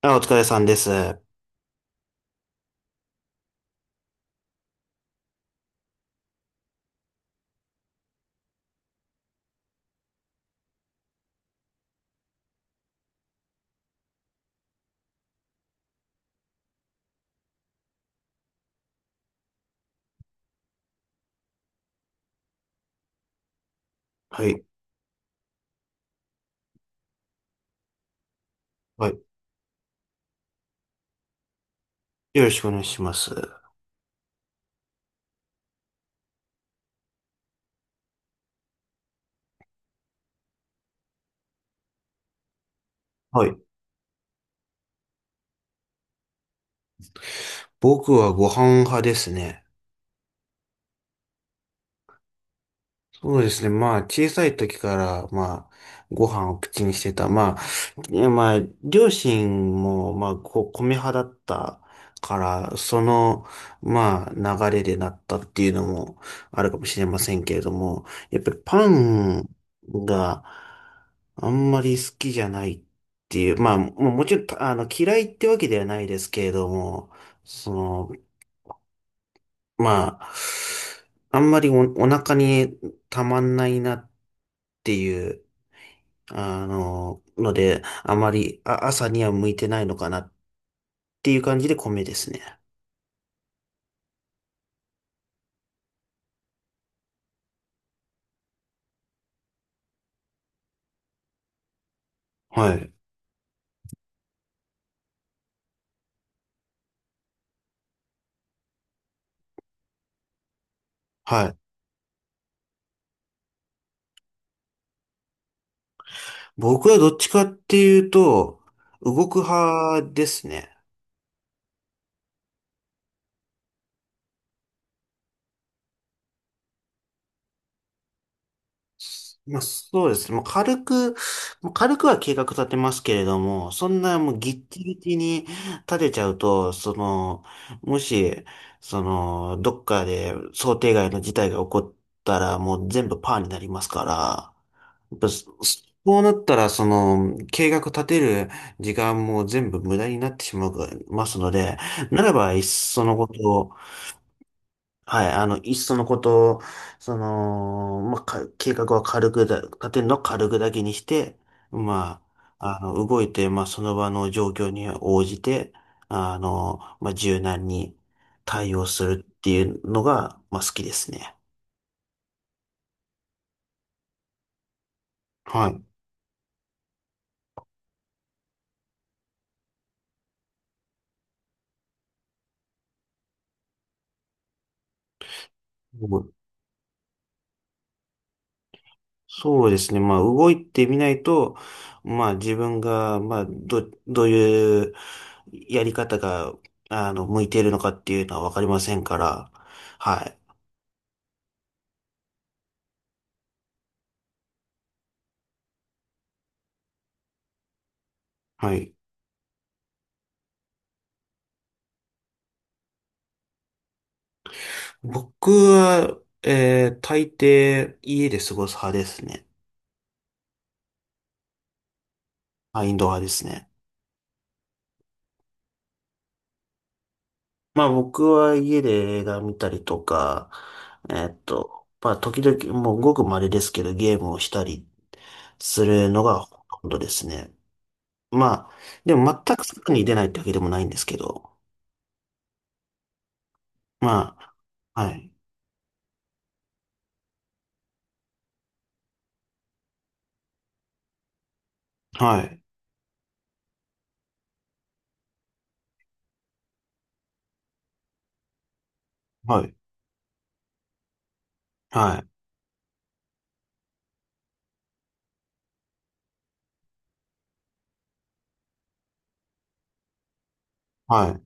あ、お疲れさんです。はい。はい。よろしくお願いします。はい。僕はご飯派ですね。そうですね。小さい時から、ご飯を口にしてた。いやまあ、両親も、こう、米派だったから、流れでなったっていうのもあるかもしれませんけれども、やっぱりパンがあんまり好きじゃないっていう、もちろん、嫌いってわけではないですけれども、その、まあ、あんまりお腹にたまんないなっていう、ので、あまり、あ、朝には向いてないのかなっていう感じで米ですね。はい。はい。僕はどっちかっていうと、動く派ですね。そうですね。もう軽くは計画立てますけれども、そんなもうギッチギチに立てちゃうと、もし、どっかで想定外の事態が起こったら、もう全部パーになりますから、やっぱそそうなったら、その、計画立てる時間も全部無駄になってしまいますので、ならば、いっそのこと、はい、いっそのこと、計画は軽くだ、立てるのは軽くだけにして、ま動いて、まあ、その場の状況に応じて、まあ、柔軟に対応するっていうのが、まあ、好きですね。はい。もうそうですね。まあ、動いてみないと、まあ、自分が、どういうやり方が、向いているのかっていうのはわかりませんから、はい。はい。僕は、大抵家で過ごす派ですね。はい、インドア派ですね。まあ僕は家で映画見たりとか、まあ時々、もうごく稀ですけどゲームをしたりするのがほとんどですね。まあ、でも全く外に出ないってわけでもないんですけど、まあ、はい、はい、はい、はい、はい。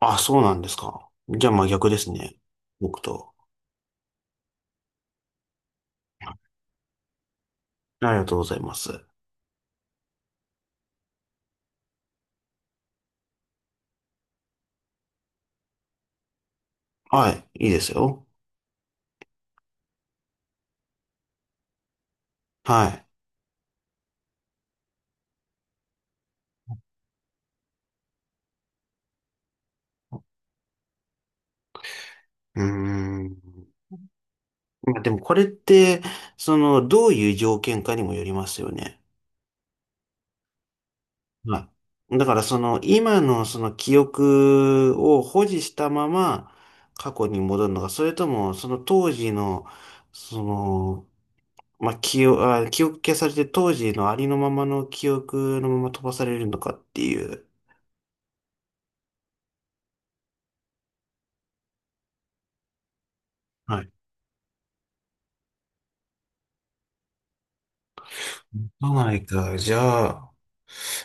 あ、そうなんですか。じゃあまあ逆ですね。僕と。ありがとうございます。はい、いいですよ。はい。うーん。まあでもこれって、その、どういう条件かにもよりますよね。はい。だからその、今のその記憶を保持したまま過去に戻るのか、それともその当時の、その、まあ、記憶消されて当時のありのままの記憶のまま飛ばされるのかっていう。はい。そうないか。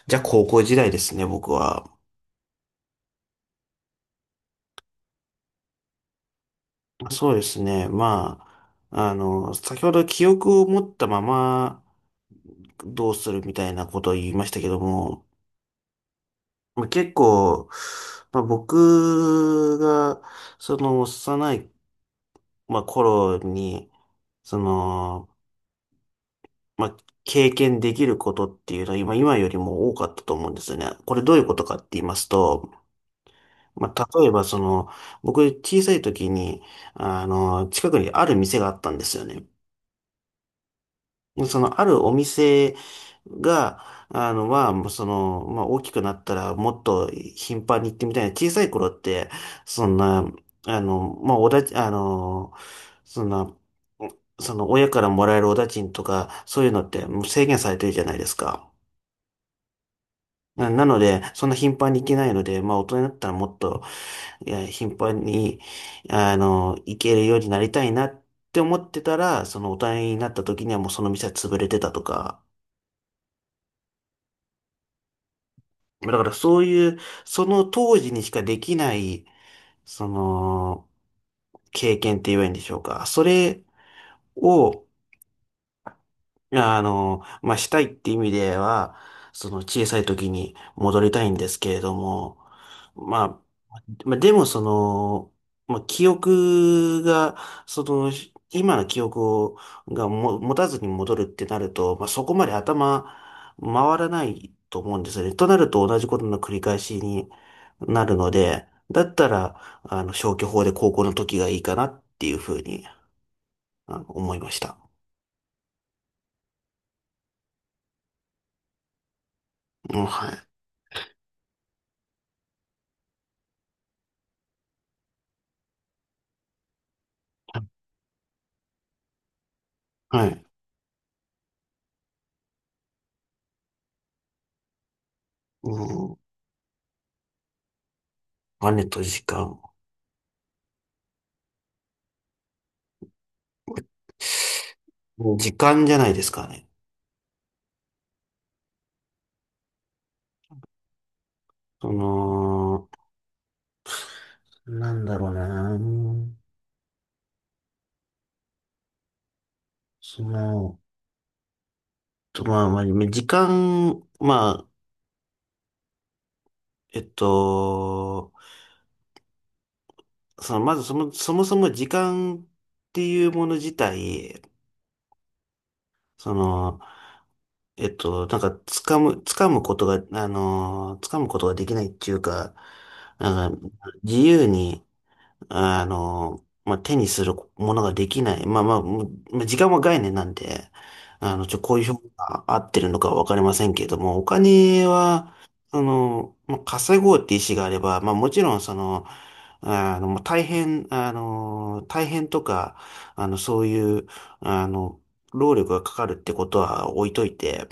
じゃあ高校時代ですね、僕は。そうですね。先ほど記憶を持ったままどうするみたいなことを言いましたけども、まあ結構、僕が、その幼い、まあ、頃に、その、まあ、経験できることっていうのは今よりも多かったと思うんですよね。これどういうことかって言いますと、まあ、例えばその、僕小さい時に、あの、近くにある店があったんですよね。その、あるお店が、まあ、大きくなったらもっと頻繁に行ってみたいな。小さい頃って、そんな、あの、まあ、おだち、あの、そんな、その、親からもらえるお駄賃とか、そういうのってもう制限されてるじゃないですか。なので、そんな頻繁に行けないので、まあ、大人になったらもっと、いや、頻繁に、行けるようになりたいなって思ってたら、その大人になった時にはもうその店は潰れてたとか、だからそういう、その当時にしかできない、その、経験って言えばいいんでしょうか。それを、まあ、したいって意味では、その小さい時に戻りたいんですけれども、まあ、でもその、まあ、記憶が、その、今の記憶を、持たずに戻るってなると、まあ、そこまで頭回らないと思うんですよね。となると同じことの繰り返しになるので、だったら、消去法で高校の時がいいかなっていうふうに、あの思いました。うん、はい。はい。うん、お金と時間。時間じゃないですかね。その、なんだろうな。その、と、まあ、まあ、時間、まあ、えっと、その、まずそもそも時間っていうもの自体、その、なんか、掴むことが、掴むことができないっていうか、なんか、自由に、まあ、手にするものができない。まあ時間は概念なんで、こういう表現が合ってるのかわかりませんけれども、お金は、まあ、稼ごうって意思があれば、まあもちろんその、大変とか、あの、そういう、あの、労力がかかるってことは置いといて、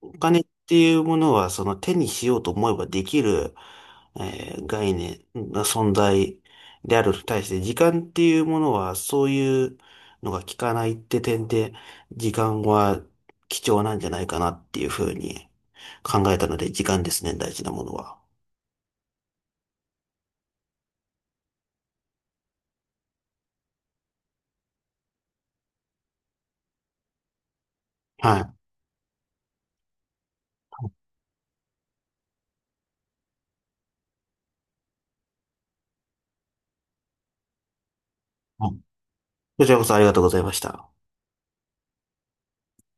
お金っていうものは、その手にしようと思えばできる、概念、存在であると対して、時間っていうものは、そういうのが効かないって点で、時間は貴重なんじゃないかなっていうふうに考えたので、時間ですね、大事なものは。はい。うん、こちらこそありがとうございました。